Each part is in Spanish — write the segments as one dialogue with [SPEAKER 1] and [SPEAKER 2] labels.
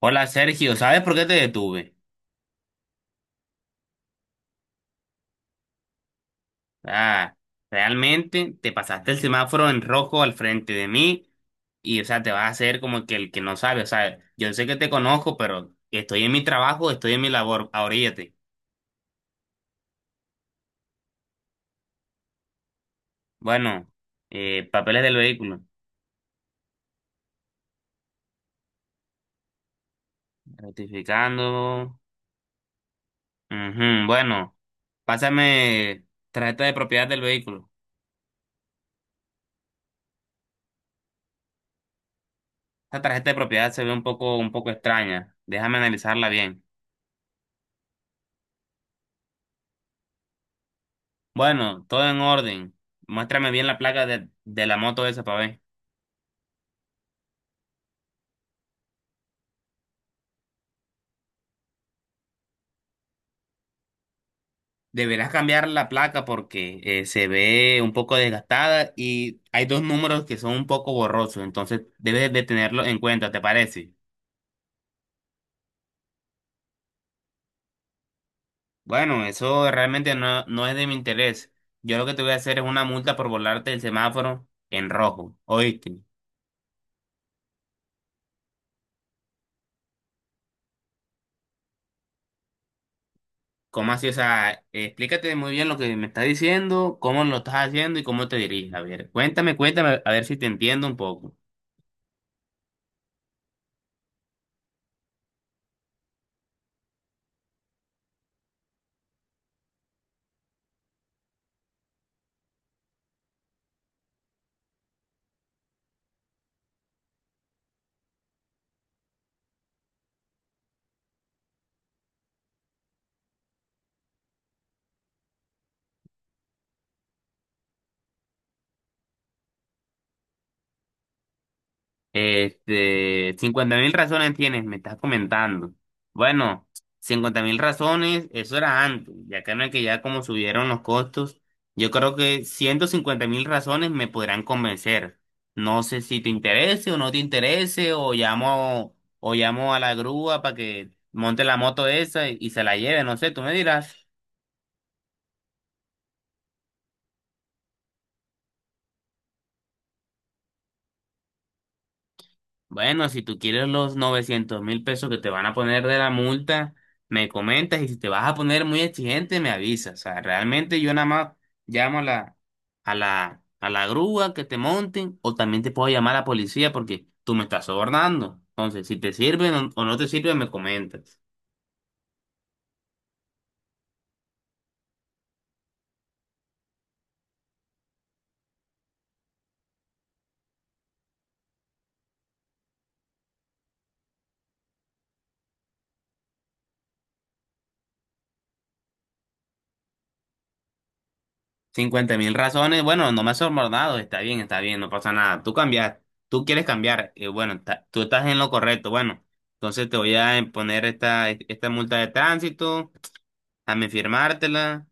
[SPEAKER 1] Hola Sergio, ¿sabes por qué te detuve? Ah, realmente te pasaste el semáforo en rojo al frente de mí y, o sea, te vas a hacer como que el que no sabe, o sea, yo sé que te conozco, pero estoy en mi trabajo, estoy en mi labor, ahoríllate. Bueno, papeles del vehículo, ratificando. Ujú, bueno, pásame tarjeta de propiedad del vehículo. Esta tarjeta de propiedad se ve un poco extraña, déjame analizarla bien. Bueno, todo en orden. Muéstrame bien la placa de la moto esa para ver. Deberás cambiar la placa porque se ve un poco desgastada y hay dos números que son un poco borrosos, entonces debes de tenerlo en cuenta, ¿te parece? Bueno, eso realmente no es de mi interés. Yo lo que te voy a hacer es una multa por volarte el semáforo en rojo, ¿oíste? ¿Cómo así? O sea, explícate muy bien lo que me estás diciendo, cómo lo estás haciendo y cómo te diriges. A ver, cuéntame, cuéntame, a ver si te entiendo un poco. Este, 50 mil razones tienes, me estás comentando. Bueno, 50.000 razones, eso era antes, ya que no es que ya como subieron los costos, yo creo que 150.000 razones me podrán convencer. No sé si te interese o no te interese, o llamo a la grúa para que monte la moto esa y se la lleve, no sé, tú me dirás. Bueno, si tú quieres los 900.000 pesos que te van a poner de la multa, me comentas y si te vas a poner muy exigente, me avisas. O sea, realmente yo nada más llamo a la grúa que te monten o también te puedo llamar a la policía porque tú me estás sobornando. Entonces, si te sirven o no te sirven, me comentas. 50.000 razones, bueno, no me has sobornado, está bien, no pasa nada. Tú cambias, tú quieres cambiar, bueno, tú estás en lo correcto, bueno, entonces te voy a poner esta multa de tránsito, dame firmártela.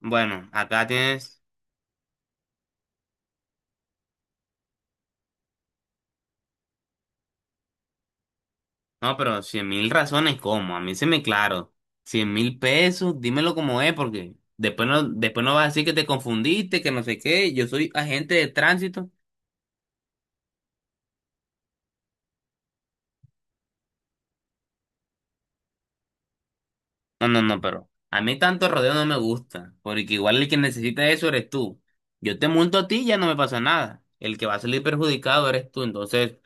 [SPEAKER 1] Bueno, acá tienes. No, pero 100.000 razones, ¿cómo? A mí se me claro, 100.000 pesos, dímelo como es, porque después no vas a decir que te confundiste, que no sé qué, yo soy agente de tránsito. No, no, no, pero a mí tanto rodeo no me gusta, porque igual el que necesita eso eres tú. Yo te monto a ti y ya no me pasa nada. El que va a salir perjudicado eres tú. Entonces,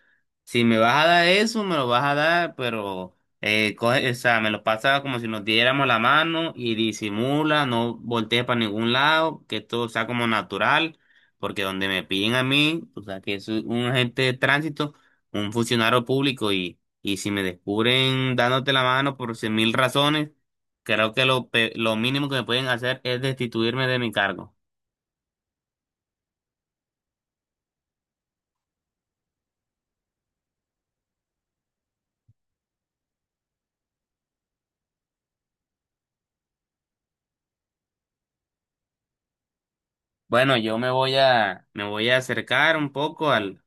[SPEAKER 1] si me vas a dar eso, me lo vas a dar, pero o sea, me lo pasa como si nos diéramos la mano y disimula, no voltees para ningún lado, que todo sea como natural, porque donde me piden a mí, o sea, que es un agente de tránsito, un funcionario público y si me descubren dándote la mano por 100.000 razones, creo que lo mínimo que me pueden hacer es destituirme de mi cargo. Bueno, yo me voy a acercar un poco al,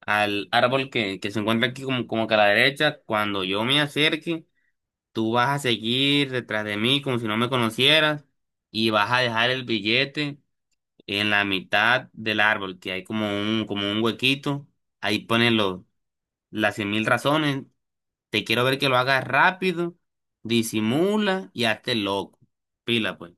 [SPEAKER 1] al árbol que se encuentra aquí como que a la derecha. Cuando yo me acerque, tú vas a seguir detrás de mí como si no me conocieras y vas a dejar el billete en la mitad del árbol, que hay como un huequito. Ahí ponen las 100.000 razones. Te quiero ver que lo hagas rápido, disimula y hazte loco. Pila, pues.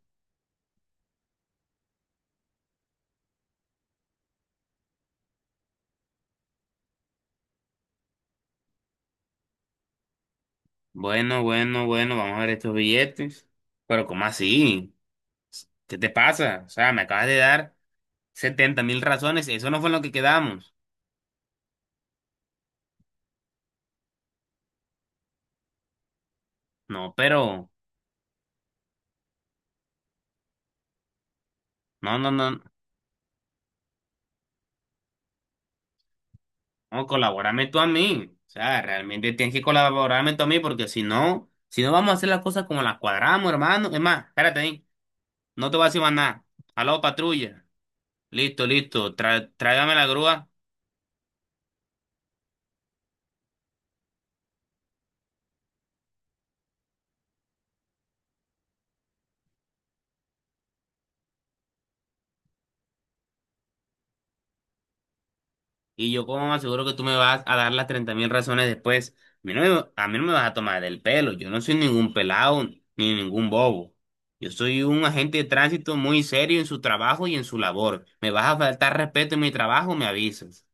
[SPEAKER 1] Bueno, bueno, bueno, vamos a ver estos billetes. Pero ¿cómo así? ¿Qué te pasa? O sea, me acabas de dar 70.000 razones. Eso no fue en lo que quedamos. No, pero... No, no, no. No, colabórame tú a mí. O sea, realmente tienes que colaborarme tú a mí porque si no vamos a hacer las cosas como las cuadramos, hermano. Es más, espérate ahí. No te voy a decir más nada. Aló, patrulla. Listo, listo. Tráigame la grúa. Y yo como aseguro que tú me vas a dar las 30.000 razones después. A mí no me vas a tomar del pelo. Yo no soy ningún pelado ni ningún bobo. Yo soy un agente de tránsito muy serio en su trabajo y en su labor. Me vas a faltar respeto en mi trabajo, me avisas.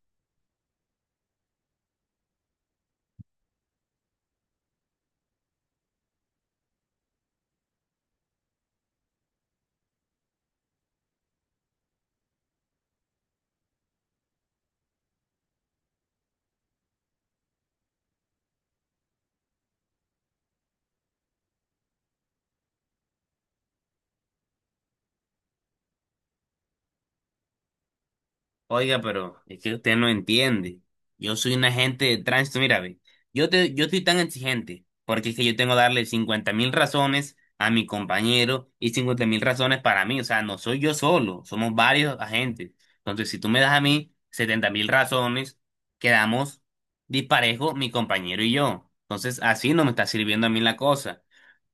[SPEAKER 1] Oiga, pero es que usted no entiende. Yo soy un agente de tránsito, mira, ve. Yo estoy tan exigente porque es que yo tengo que darle 50.000 razones a mi compañero y 50.000 razones para mí. O sea, no soy yo solo, somos varios agentes. Entonces, si tú me das a mí 70.000 razones, quedamos disparejo mi compañero y yo. Entonces, así no me está sirviendo a mí la cosa.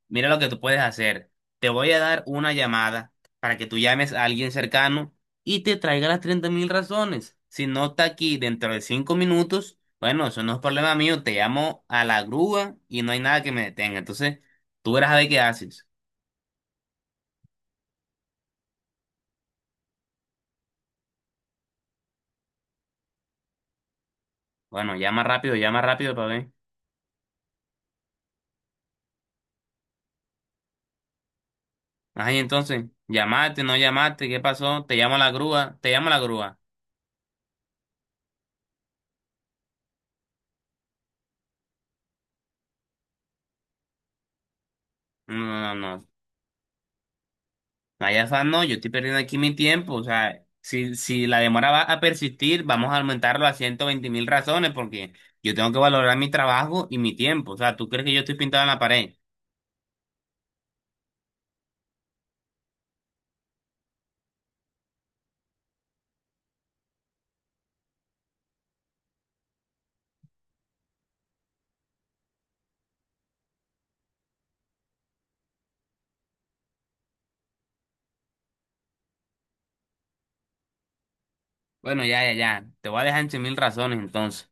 [SPEAKER 1] Mira lo que tú puedes hacer. Te voy a dar una llamada para que tú llames a alguien cercano y te traiga las 30.000 razones. Si no está aquí dentro de 5 minutos, bueno, eso no es problema mío. Te llamo a la grúa y no hay nada que me detenga. Entonces, tú verás a ver qué haces. Bueno, llama rápido para ver. Ay, entonces, llamaste, no llamaste, ¿qué pasó? Te llamo a la grúa, te llamo a la grúa. No, no, no, no, no hay afán, no, yo estoy perdiendo aquí mi tiempo. O sea, si la demora va a persistir, vamos a aumentarlo a 120.000 razones porque yo tengo que valorar mi trabajo y mi tiempo. O sea, ¿tú crees que yo estoy pintado en la pared? Bueno, ya, ya, ya. Te voy a dejar en 100 mil razones entonces.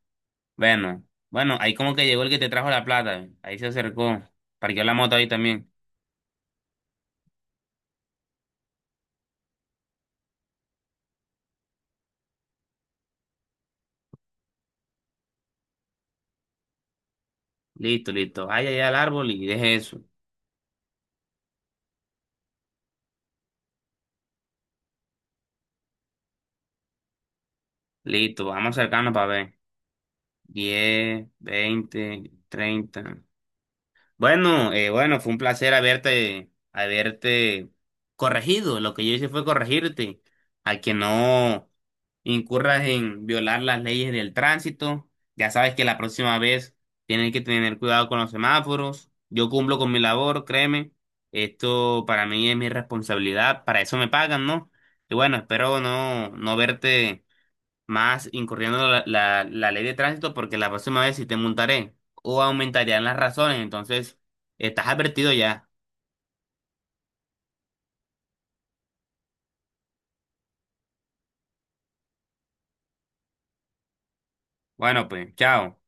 [SPEAKER 1] Bueno, bueno, ahí como que llegó el que te trajo la plata. Ahí se acercó. Parqueó la moto ahí también. Listo, listo. Vaya allá al árbol y deje eso. Listo, vamos acercando para ver. 10, 20, 30. Bueno, bueno, fue un placer haberte corregido. Lo que yo hice fue corregirte a que no incurras en violar las leyes del tránsito. Ya sabes que la próxima vez tienes que tener cuidado con los semáforos. Yo cumplo con mi labor, créeme. Esto para mí es mi responsabilidad. Para eso me pagan, ¿no? Y bueno, espero no verte más incurriendo la ley de tránsito porque la próxima vez sí te montaré o aumentarían las razones, entonces estás advertido ya. Bueno, pues, chao.